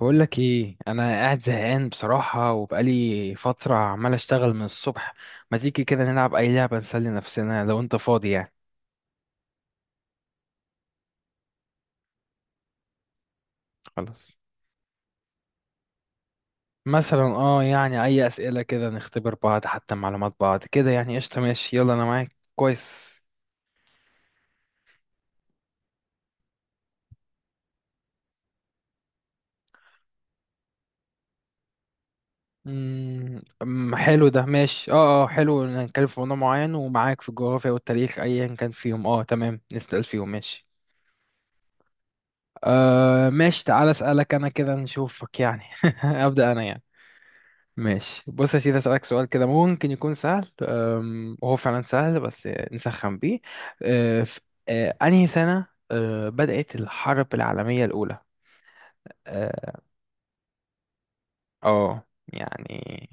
بقول لك ايه، انا قاعد زهقان بصراحة، وبقالي فترة عمال اشتغل من الصبح. ما تيجي كده نلعب اي لعبة نسلي نفسنا لو انت فاضي يعني. خلاص. مثلا يعني اي اسئلة كده نختبر بعض، حتى معلومات بعض كده يعني، قشطة ماشي يلا انا معاك كويس. أم، حلو ده ماشي حلو إن نتكلم في موضوع معين، ومعاك في الجغرافيا والتاريخ ايا كان فيهم تمام نسأل فيهم ماشي. آه ماشي، تعال اسألك انا كده نشوفك يعني ابدأ انا يعني. ماشي بص يا سيدي، أسألك سؤال كده ممكن يكون سهل، وهو فعلا سهل بس نسخن بيه. أه، في أه، أنهي سنة بدأت الحرب العالمية الأولى؟ اه، يعني.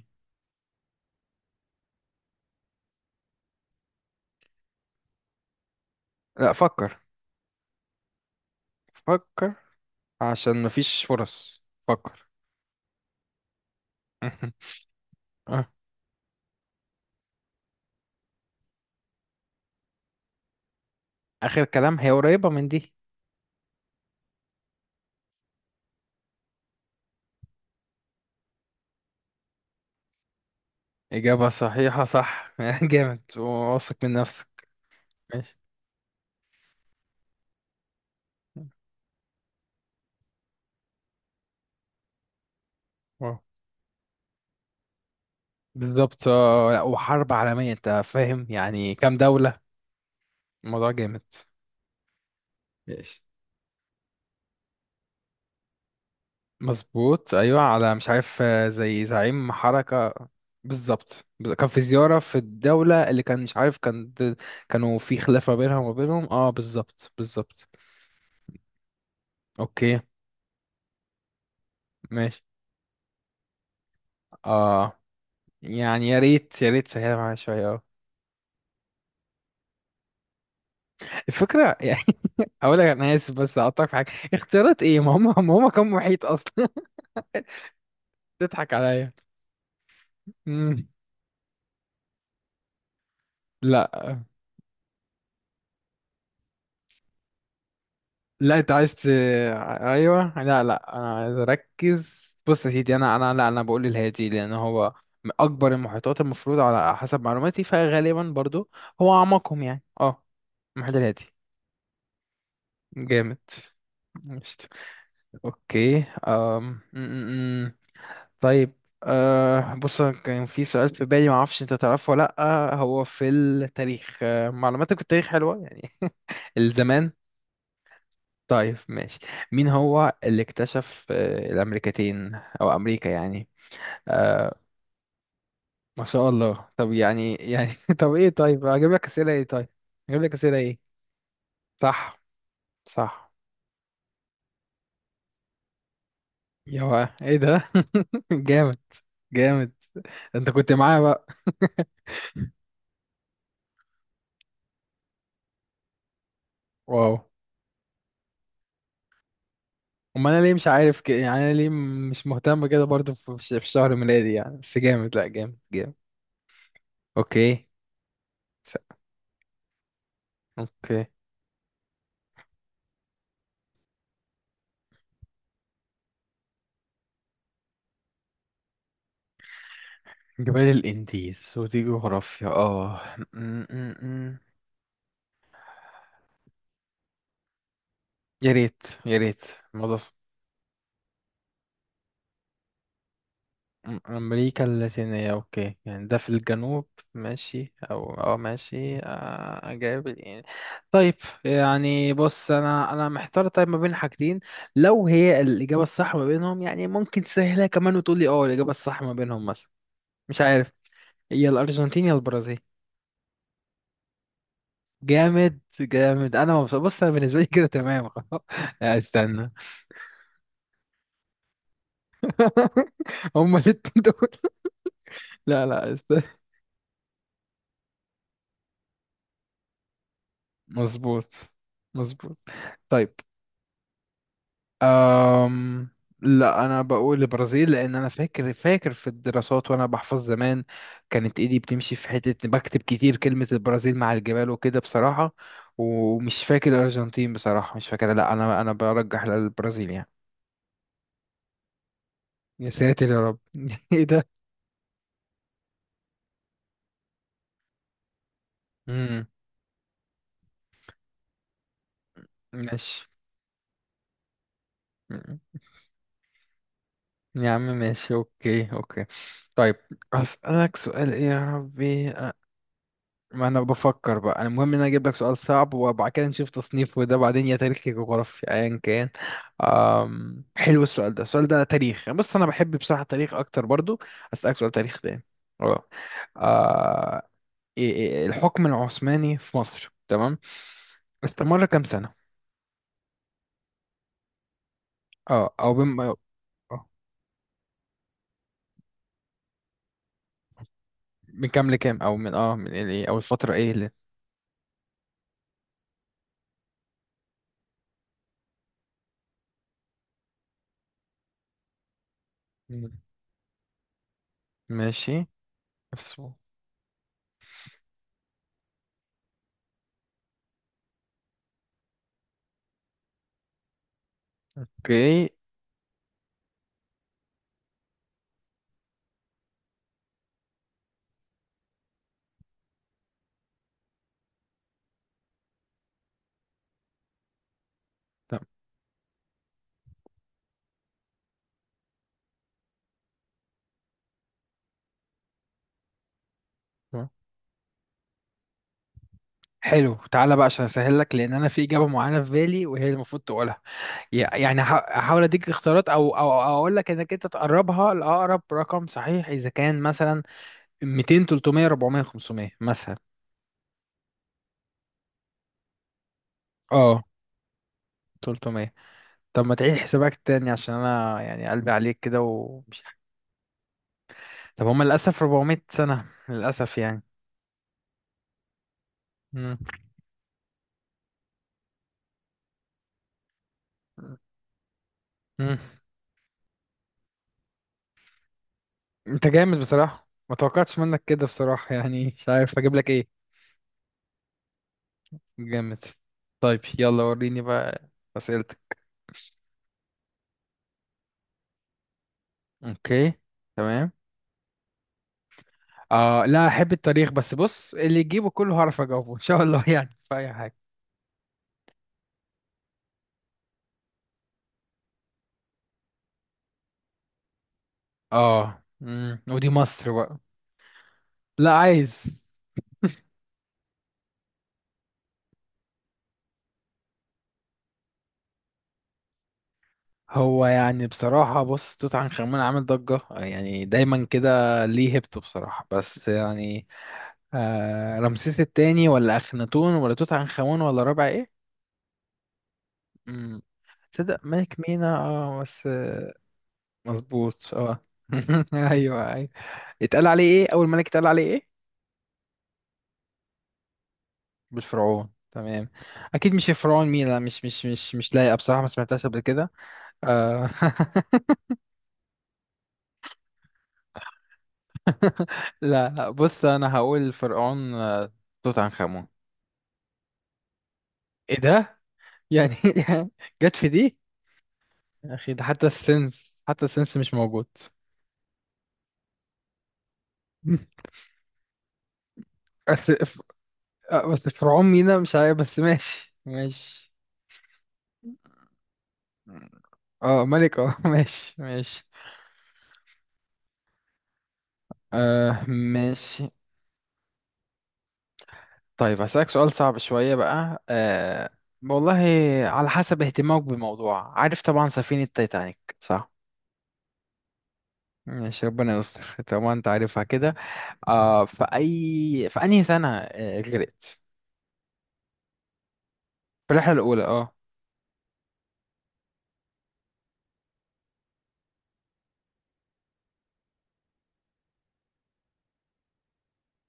لا فكر، فكر عشان مفيش فرص فكر. آه، آخر كلام هي قريبة من دي. إجابة صحيحة، صح جامد واثق من نفسك. ماشي. واو. بالظبط، لا وحرب عالمية أنت فاهم يعني كام دولة. الموضوع جامد. ماشي. مظبوط ايوه، على مش عارف زي زعيم حركه. بالظبط، كان في زياره في الدوله اللي كان مش عارف كانوا في خلاف ما بينها وما بينهم، اه بالظبط بالظبط. اوكي. ماشي اه يعني، يا ريت يا ريت سهل معايا شويه اه. الفكره يعني اقول لك انا اسف بس اقطعك في حاجه، اختيارات ايه، ما هم كانوا محيط اصلا. تضحك عليا. مم. لا لا انت عايز. ايوه لا لا انا عايز اركز، بص يا سيدي انا لا، انا بقول الهادي لان هو من اكبر المحيطات المفروض، على حسب معلوماتي فغالبا برضو هو اعمقهم يعني اه، المحيط الهادي. جامد. مشت. اوكي. أم... م- م- م. طيب، أه بص، أنا كان في سؤال في بالي ما اعرفش انت تعرفه ولا لا، هو في التاريخ معلوماتك في التاريخ حلوه يعني الزمان. طيب ماشي، مين هو اللي اكتشف الأمريكتين أو أمريكا يعني آه. ما شاء الله، طب يعني يعني طب إيه طيب أجيب لك أسئلة إيه. صح صح. يا بقى إيه ده. جامد جامد. أنت كنت معايا بقى. واو. أما أنا ليه مش عارف كده يعني، أنا ليه مش مهتم كده برضو في شهر ميلادي يعني، بس جامد لأ جامد جامد. أوكي. س- أوكي. جبال الإنديز، ودي جغرافيا آه يا ريت يا ريت. الموضوع ص- أمريكا اللاتينية أوكي، يعني ده في الجنوب ماشي، أو أو ماشي، أجاوب يعني. طيب يعني بص أنا محتار طيب ما بين حاجتين، لو هي الإجابة الصح ما بينهم يعني ممكن تسهلها كمان، وتقول لي أه الإجابة الصح ما بينهم مثلا. مش عارف، يا الأرجنتين يا البرازيل. جامد جامد، أنا مبسوط، بص أنا بالنسبة لي كده تمام خلاص لا، استنى. هما الاتنين دول. لا لا استنى. مظبوط. مظبوط. طيب. أم... لا انا بقول البرازيل لان انا فاكر، فاكر في الدراسات، وانا بحفظ زمان كانت ايدي بتمشي في حته بكتب كتير كلمه البرازيل مع الجبال وكده بصراحه، ومش فاكر الارجنتين بصراحه مش فاكر، لا انا برجح للبرازيل يعني. يا ساتر يا رب ايه ده. امم ماشي. مم. يا عم ماشي، اوكي اوكي. طيب هسألك سؤال ايه يا ربي، ما انا بفكر بقى، انا المهم ان انا اجيب لك سؤال صعب، وبعد كده نشوف تصنيف، وده بعدين يا تاريخ يا جغرافيا ايا كان. أم... حلو، السؤال ده تاريخ يعني، بص انا بحب بصراحة تاريخ اكتر برضو، اسالك سؤال تاريخ تاني اه. آه، إيه- إيه- إيه، الحكم العثماني في مصر، تمام، استمر كام سنة. اه او بم... آه، من كام لكام، او من اه من ايه او الفترة ايه اللي. مم. ماشي. بس- اوكي تمام، حلو. تعالى بقى عشان اسهل لك، لان انا في اجابه معينه في بالي وهي المفروض تقولها، يع- يعني ه- هحاول اديك اختيارات، او او أو اقول لك انك انت تقربها لاقرب رقم صحيح، اذا كان مثلا 200 300 400 500 مثلا. اه 300. طب ما تعيد حسابك تاني، عشان انا يعني قلبي عليك كده طب هم للاسف 400 سنه للاسف يعني. مم. مم. انت جامد بصراحه، ما توقعتش منك كده بصراحه، يعني مش عارف اجيب لك ايه. جامد. طيب يلا وريني بقى اسئله. اوكي تمام. اه لا احب التاريخ، بس بص اللي يجيبه كله هعرف اجاوبه ان شاء الله يعني في اي حاجه. اه امم، ودي مصر بقى. لا عايز. هو يعني بصراحه بص، توت عنخ امون عامل ضجه، يعني دايما كده ليه هيبته بصراحه بس يعني. آه، رمسيس التاني، ولا اخناتون، ولا توت عنخ امون، ولا رابع ايه. امم. تصدق ملك مينا اه، بس مظبوط اه. ايوه ايوه. اتقال عليه ايه، اول ملك اتقال عليه ايه. بالفرعون تمام. اكيد مش فرعون مينا، مش لايقه بصراحه، ما سمعتهاش قبل كده. آه. لا لا بص، انا هقول فرعون، توت عنخ امون. ايه ده يعني جت في دي. يا اخي، ده حتى السنس مش موجود. بس ف- آه، بس فرعون مينا مش عارف، بس ماشي ماشي. اه ملك اه ماشي ماشي. آه ماشي. طيب هسألك سؤال صعب شوية بقى أه، والله على حسب اهتمامك بالموضوع، عارف طبعا سفينة تايتانيك صح؟ ماشي ربنا يستر طبعا انت عارفها كده. أه في أي في أنهي سنة غرقت؟ في الرحلة الأولى اه.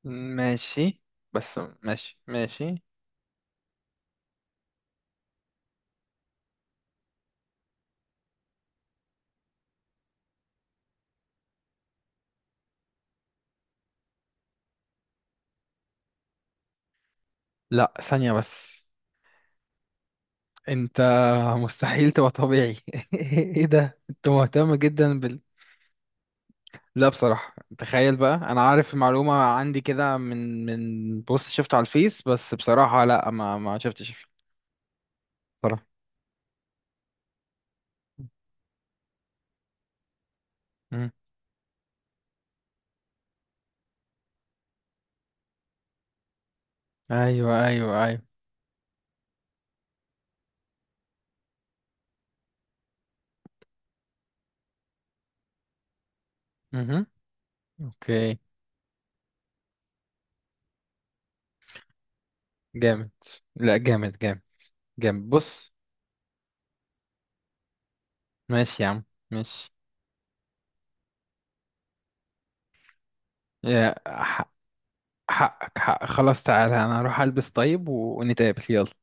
ماشي، بس ماشي ماشي. لا ثانية بس، انت مستحيل تبقى طبيعي ايه ده، انت مهتم جدا. لا بصراحة تخيل بقى، أنا عارف المعلومة عندي كده من بوست شفته على الفيس، بس بصراحة لا ما شفتش بصراحة. مم. أيوه أيوه أيوه. مهم. أوكي. جامد. لا جامد جامد جامد بص. ماشي يا عم، ماشي يا حق. حقك حقك خلاص، تعالى أنا هروح ألبس طيب ونتقابل يلا.